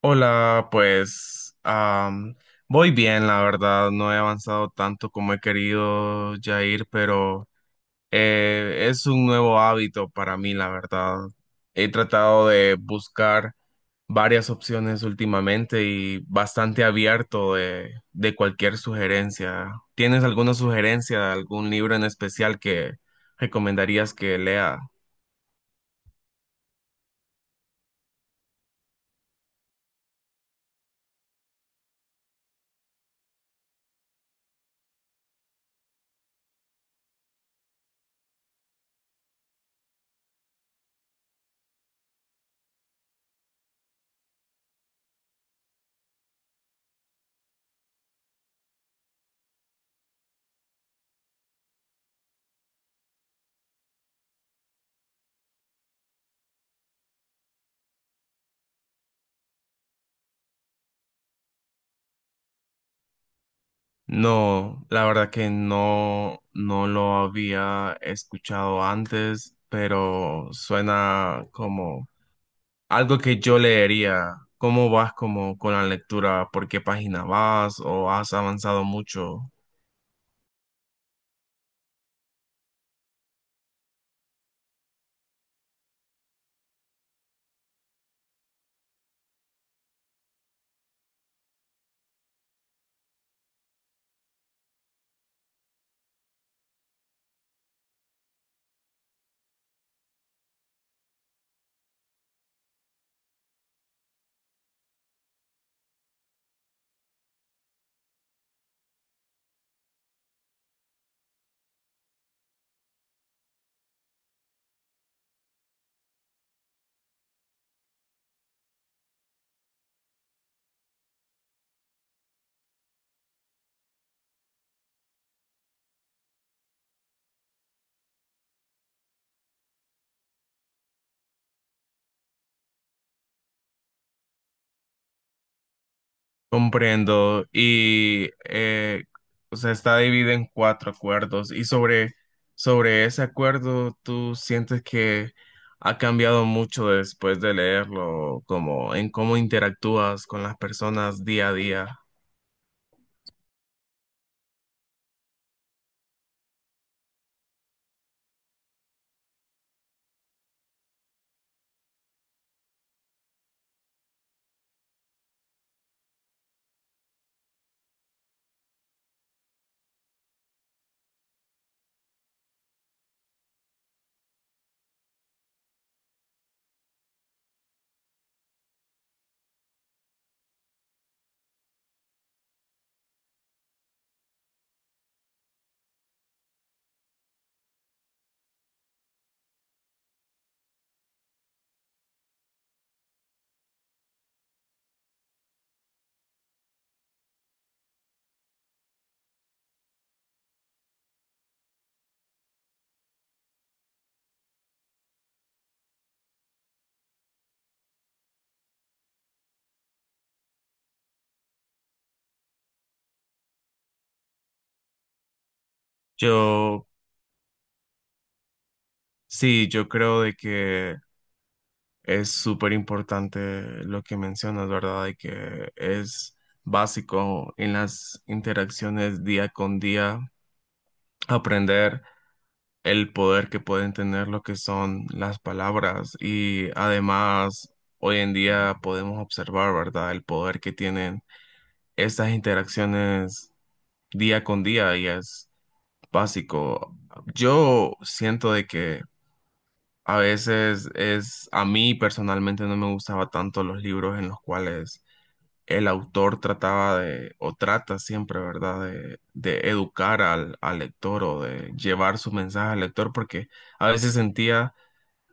Hola, pues voy bien, la verdad, no he avanzado tanto como he querido, Jair, pero es un nuevo hábito para mí, la verdad. He tratado de buscar varias opciones últimamente y bastante abierto de cualquier sugerencia. ¿Tienes alguna sugerencia de algún libro en especial que recomendarías que lea? No, la verdad que no, no lo había escuchado antes, pero suena como algo que yo leería. ¿Cómo vas como con la lectura? ¿Por qué página vas? ¿O has avanzado mucho? Comprendo. Y o sea, está dividido en cuatro acuerdos. Y sobre ese acuerdo, ¿tú sientes que ha cambiado mucho después de leerlo, como en cómo interactúas con las personas día a día? Yo, sí, yo creo de que es súper importante lo que mencionas, ¿verdad? De que es básico en las interacciones día con día aprender. El poder que pueden tener lo que son las palabras y además hoy en día podemos observar, ¿verdad? El poder que tienen estas interacciones día con día y es básico. Yo siento de que a veces es, a mí personalmente no me gustaba tanto los libros en los cuales el autor trataba de, o trata siempre, ¿verdad?, de educar al lector o de llevar su mensaje al lector, porque a veces sentía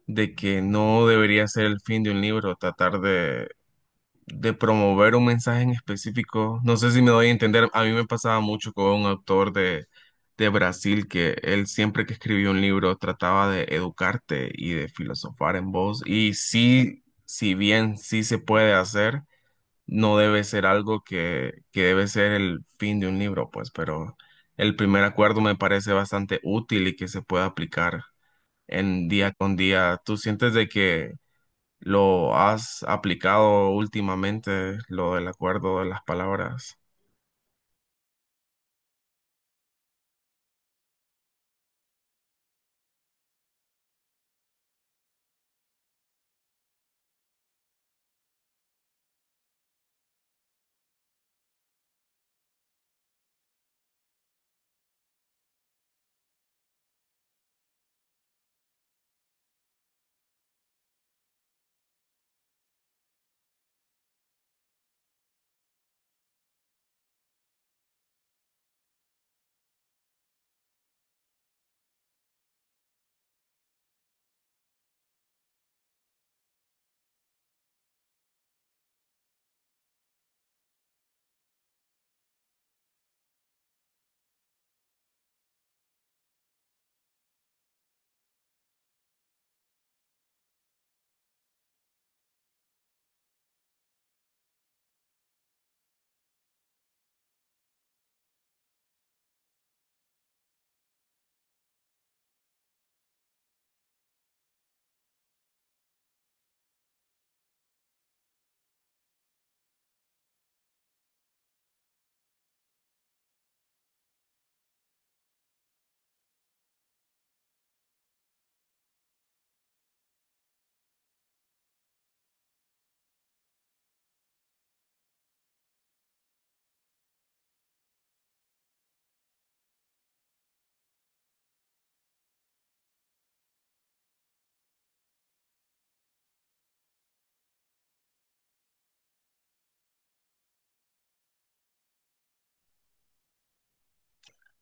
de que no debería ser el fin de un libro, tratar de promover un mensaje en específico. No sé si me doy a entender, a mí me pasaba mucho con un autor de Brasil que él siempre que escribía un libro trataba de educarte y de filosofar en voz. Y sí, si bien sí se puede hacer, no debe ser algo que debe ser el fin de un libro, pues, pero... El primer acuerdo me parece bastante útil y que se puede aplicar en día con día. ¿Tú sientes de que lo has aplicado últimamente, lo del acuerdo de las palabras?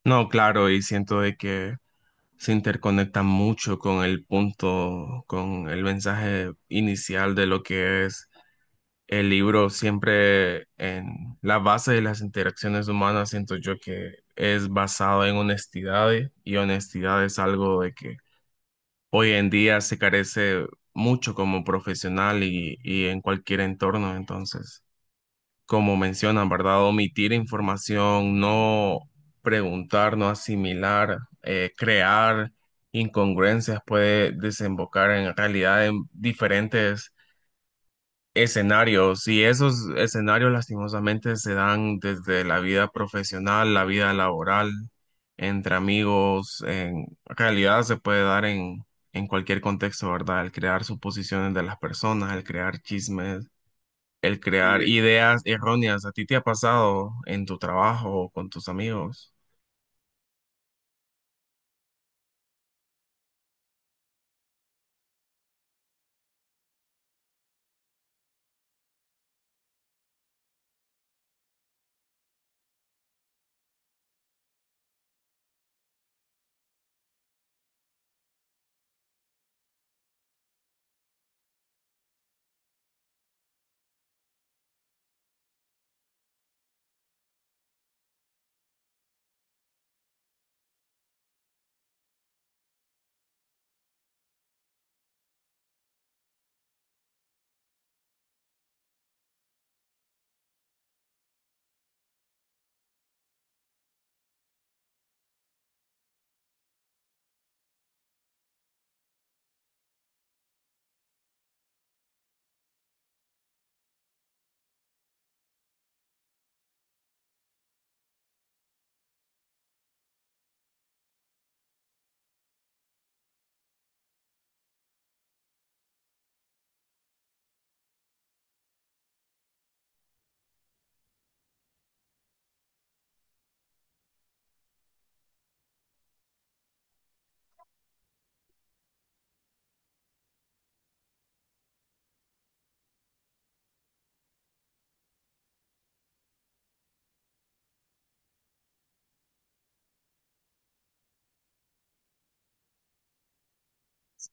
No, claro, y siento de que se interconecta mucho con el punto, con el mensaje inicial de lo que es el libro. Siempre en la base de las interacciones humanas, siento yo que es basado en honestidad y honestidad es algo de que hoy en día se carece mucho como profesional y en cualquier entorno, entonces. Como mencionan, ¿verdad? Omitir información, no preguntar, no asimilar, crear incongruencias puede desembocar en realidad en diferentes escenarios y esos escenarios lastimosamente se dan desde la vida profesional, la vida laboral, entre amigos, en realidad se puede dar en cualquier contexto, ¿verdad? El crear suposiciones de las personas, el crear chismes, el crear, sí, ideas erróneas, ¿a ti te ha pasado en tu trabajo o con tus amigos?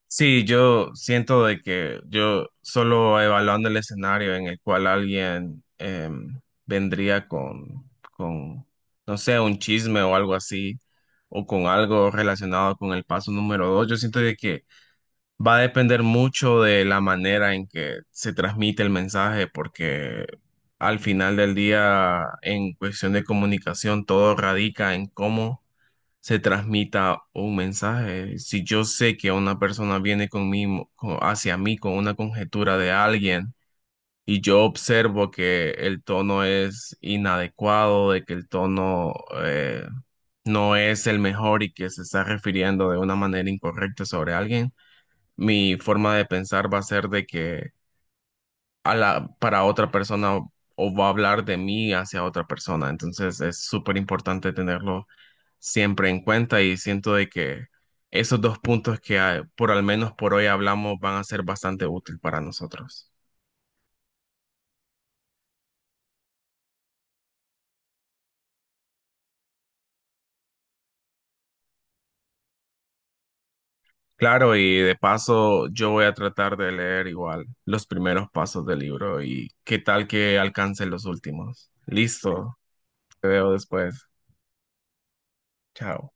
Sí, yo siento de que yo solo evaluando el escenario en el cual alguien vendría con, no sé, un chisme o algo así, o con algo relacionado con el paso número 2, yo siento de que va a depender mucho de la manera en que se transmite el mensaje, porque al final del día, en cuestión de comunicación, todo radica en cómo se transmita un mensaje. Si yo sé que una persona viene conmigo, co- hacia mí con una conjetura de alguien y yo observo que el tono es inadecuado, de que el tono eh, no es el mejor y que se está refiriendo de una manera incorrecta sobre alguien, mi forma de pensar va a ser de que a la, para otra persona o va a hablar de mí hacia otra persona. Entonces es súper importante tenerlo siempre en cuenta y siento de que esos dos puntos que por al menos por hoy hablamos van a ser bastante útil para nosotros. Claro, y de paso yo voy a tratar de leer igual los primeros pasos del libro y qué tal que alcance los últimos. Listo, te veo después. Chao.